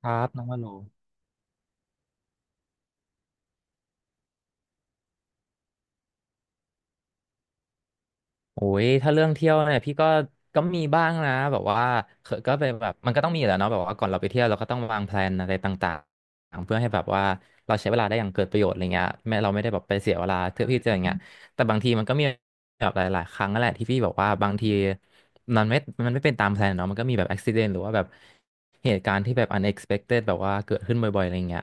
ครับน้องว่าโลโอ้ยถ้าเรื่องเที่ยวเนี่ยพี่ก็มีบ้างนะแบบว่าเคยก็เป็นแบบมันก็ต้องมีแหละวเนาะแบบว่าก่อนเราไปเที่ยวเราก็ต้องวางแพลนอะไรต่างๆเพื่อให้แบบว่าเราใช้เวลาได้อย่างเกิดประโยชน์อะไรเงี้ยแม้เราไม่ได้แบบไปเสียเวลาเที่ยวที่เจออย่างเงี้ยแต่บางทีมันก็มีแบบหลายๆครั้งนั่นแหละที่พี่บอกว่าบางที มันไม่มันไม่เป็นตามแผนเนาะมันก็มีแบบอุบิเหตุหรือว่าแบบเหตุการณ์ที่แบบ unexpected แบบว่าเกิดขึ้นบ่อยๆอะไรเงี้ย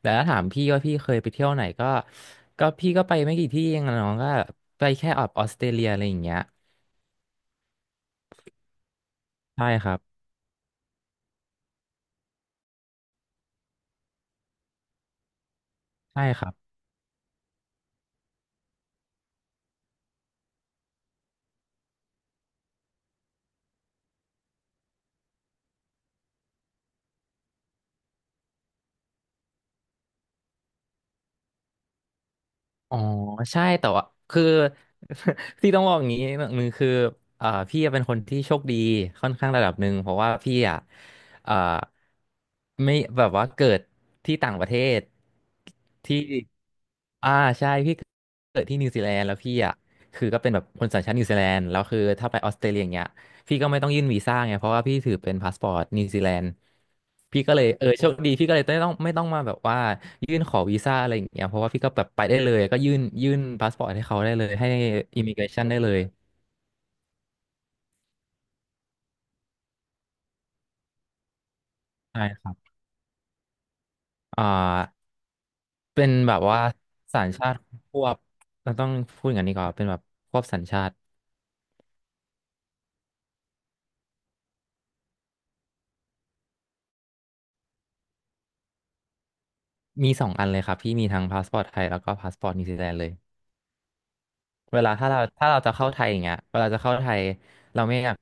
แต่ถ้าถามพี่ว่าพี่เคยไปเที่ยวไหนก็พี่ก็ไปไม่กี่ที่เองอะน้องก็ไปแค่อบบออสเตรเลียอะไรอย่างเงี้ยใช่ครับ ใช่ครับ อ๋อใช่แต่ว่าคือ ที่ต้องบอกอย่างนี้หนึ่งคือพี่เป็นคนที่โชคดีค่อนข้างระดับหนึ่งเพราะว่าพี่อ่ะเอ่อไม่แบบว่าเกิดที่ต่างประเทศที่อ่าใช่พี่เกิดที่นิวซีแลนด์แล้วพี่อ่ะคือก็เป็นแบบคนสัญชาตินิวซีแลนด์แล้วคือถ้าไปออสเตรเลียอย่างเงี้ย พี่ก็ไม่ต้องยื่นวีซ่าไงเพราะว่าพี่ถือเป็นพาสปอร์ตนิวซีแลนด์พี่ก็เลยเออโชคดีพี่ก็เลยไม่ต้องมาแบบว่ายื่นขอวีซ่าอะไรอย่างเงี้ยเพราะว่าพี่ก็แบบไปได้เลยก็ยื่นพาสปอร์ตให้เขาได้เลยให้อิมิเกรชันได้เลยใช่ครับอ่าเป็นแบบว่าสัญชาติควบเราต้องพูดอย่างนี้ก่อนเป็นแบบควบสัญชาติมีสองอันเลยครับพี่มีทั้งพาสปอร์ตไทยแล้วก็พาสปอร์ตนิวซีแลนด์เลย เวลาถ้าเราจะเข้าไทยอย่างเงี้ยเวลาจะเข้าไทยเราไม่อยาก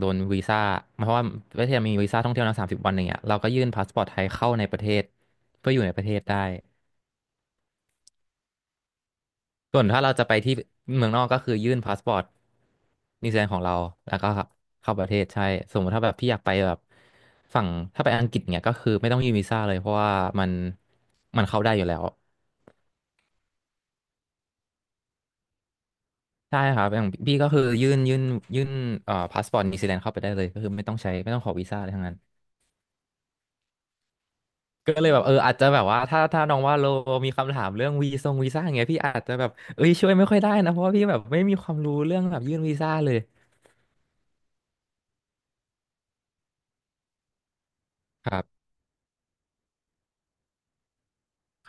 โดนวีซ่าเพราะว่าประเทศมีวีซ่าท่องเที่ยวนะ30 วันอย่างเงี้ยเราก็ยื่นพาสปอร์ตไทยเข้าในประเทศเพื่ออยู่ในประเทศได้ส่วนถ้าเราจะไปที่เมืองนอกก็คือยื่นพาสปอร์ตนิวซีแลนด์ของเราแล้วก็ครับเข้าประเทศใช่สมมติถ้าแบบพี่อยากไปแบบฝั่งถ้าไปอังกฤษเนี่ยก็คือไม่ต้องยื่นวีซ่าเลยเพราะว่ามันมันเข้าได้อยู่แล้วใช่ครับอย่างพี่ก็คือยื่นพาสปอร์ตนิวซีแลนด์เข้าไปได้เลยก็คือไม่ต้องใช้ไม่ต้องขอวีซ่าอะไรทั้งนั้น ก็เลยแบบเอออาจจะแบบว่าถ้าน้องว่าโลมีคำถามเรื่องวีซ่าอย่างเงี้ยพี่อาจจะแบบเอ้ยช่วยไม่ค่อยได้นะเพราะว่าพี่แบบไม่มีความรู้เรื่องแบบยื่นวีซ่าเลยครับ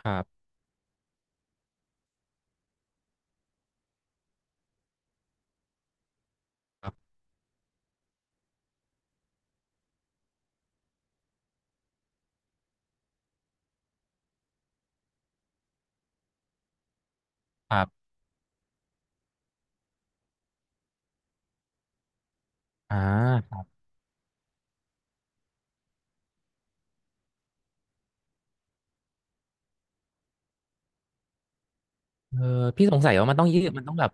ครับครับครับอ่าเออพี่สงสัยว่ามันต้องยื่นมันต้องแบบ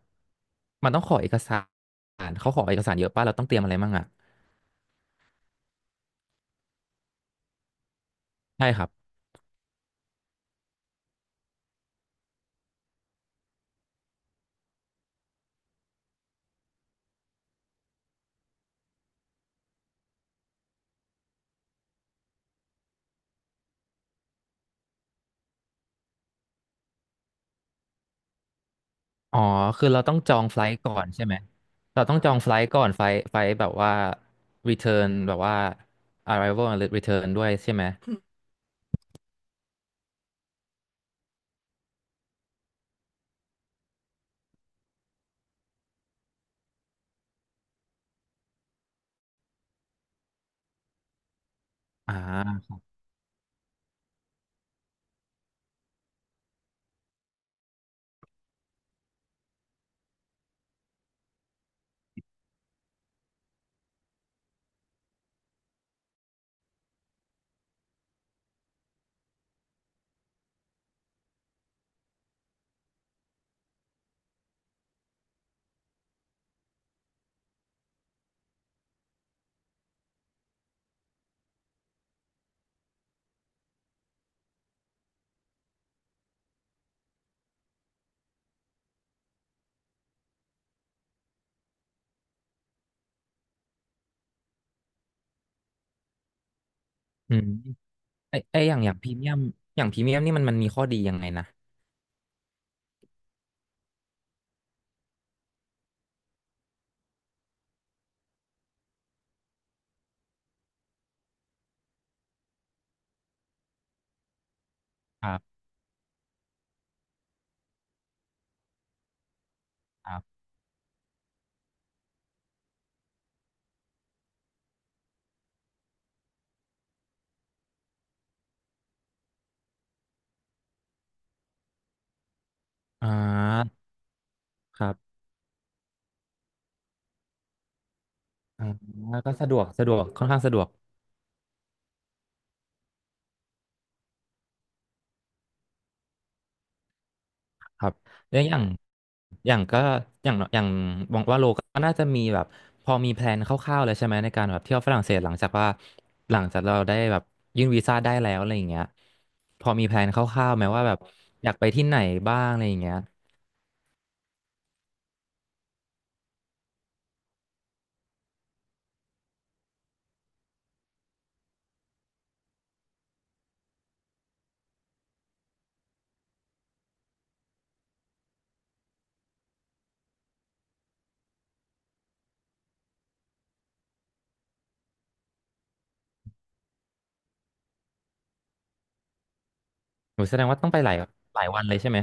มันต้องขอเอกสารเขาขอเอกสารเยอะป่ะเราต้องเตรียมอะไรมั่งอ่ะใช่ครับอ๋อคือเราต้องจองไฟลท์ก่อนใช่ไหมเราต้องจองไฟลท์ก่อนไฟล์แบบว่า return แบบว่า arrival and return ด้วยใช่ไหมอ่าอืม ไออย่างพรีเมียมอย่างพรีเมียมนี่มันมีข้อดียังไงนะครับครับอ่าครับอ่าก็สะดวกสะดวกค่อนข้างสะดวกครับแล้วอย่างอย่างก็อย่างอย่างบอกว่าโลก็น่าจะมีแบบพอมีแพลนคร่าวๆเลยใช่ไหมในการแบบเที่ยวฝรั่งเศสหลังจากเราได้แบบยื่นวีซ่าได้แล้วอะไรอย่างเงี้ยพอมีแพลนคร่าวๆไหมว่าแบบอยากไปที่ไหนบ้างอะไรอย่างเงี้ยหนูแสดงว่าต้องไปหลายหลายวันเลยใช่ไหม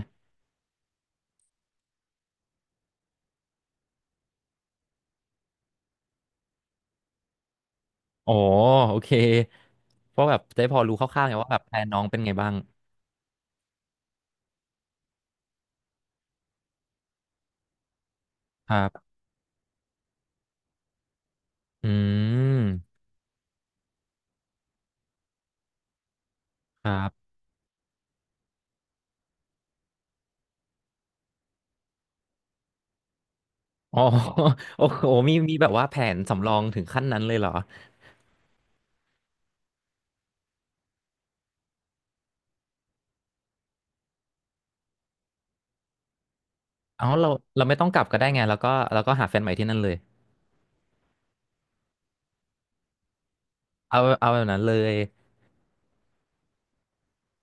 อ๋อโอเคเพราะแบบจะได้พอรู้คร่าวๆไงว่าแบบแพลนน้องเป็นไงบ้างครับอืมครับอ๋อ โอ้โหมีแบบว่าแผนสำรองถึงขั้นนั้นเลยเหรอเอาเราไม่ต้องกลับก็ได้ไงแล้วก็หาแฟนใหม่ที่นั่นเลยเอาแบบนั้นเลย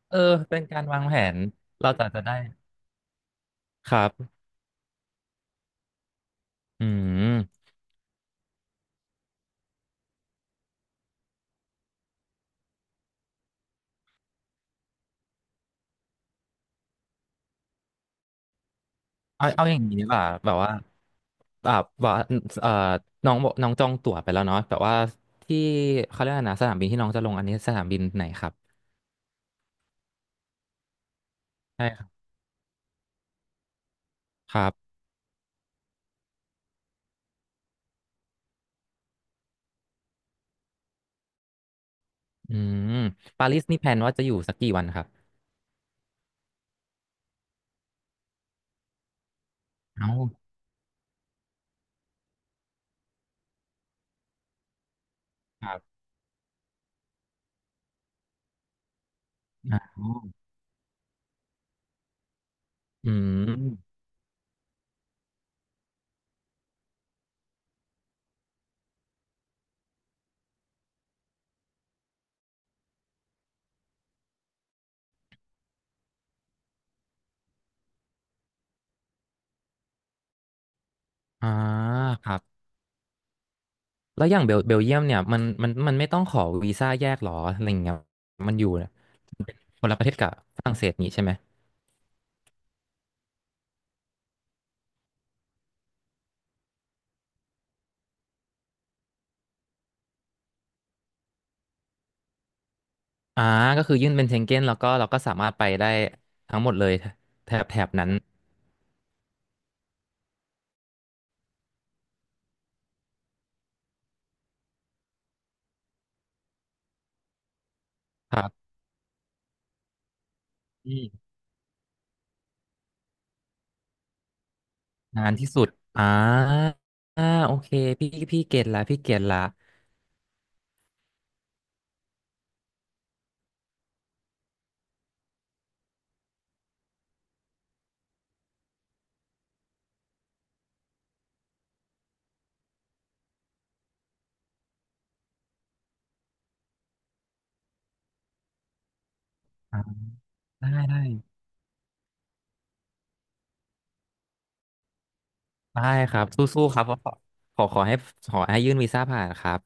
เออเป็นการวางแผนเราจะจะได้ครับอืมเอาเอาอย่างนี้ดีกว่าแบบว่าเอ่อน้องบอกน้องจองตั๋วไปแล้วเนาะแบบว่าที่เขาเรียกอะไรนะสนามบินที่น้องจะลงอันนี้สนามบินไหนครับ ครับอืมปารีสนี่แพลนว่าจะอยู่สักกี่วันครับ เอาครับอ่าอืม อ่าครับ แล้วอย่างเบลเยียมเนี่ยมันไม่ต้องขอวีซ่าแยกหรออะไรเงี้ยมันอยู่คนละประเทศกับฝรั่งเศสนี่ใช่ไหม อ่าก็คือยื่นเป็นเชงเก้นแล้วก็เราก็สามารถไปได้ทั้งหมดเลยแถบแถบนั้นครับอืมนานที่สุดอ่าอ่าโอเคพี่เก็ตละพี่เก็ตละอ่าได้ได้ ได้ครับสู้ๆครับขอให้ขอให้ยื่นวีซ่าผ่านครับ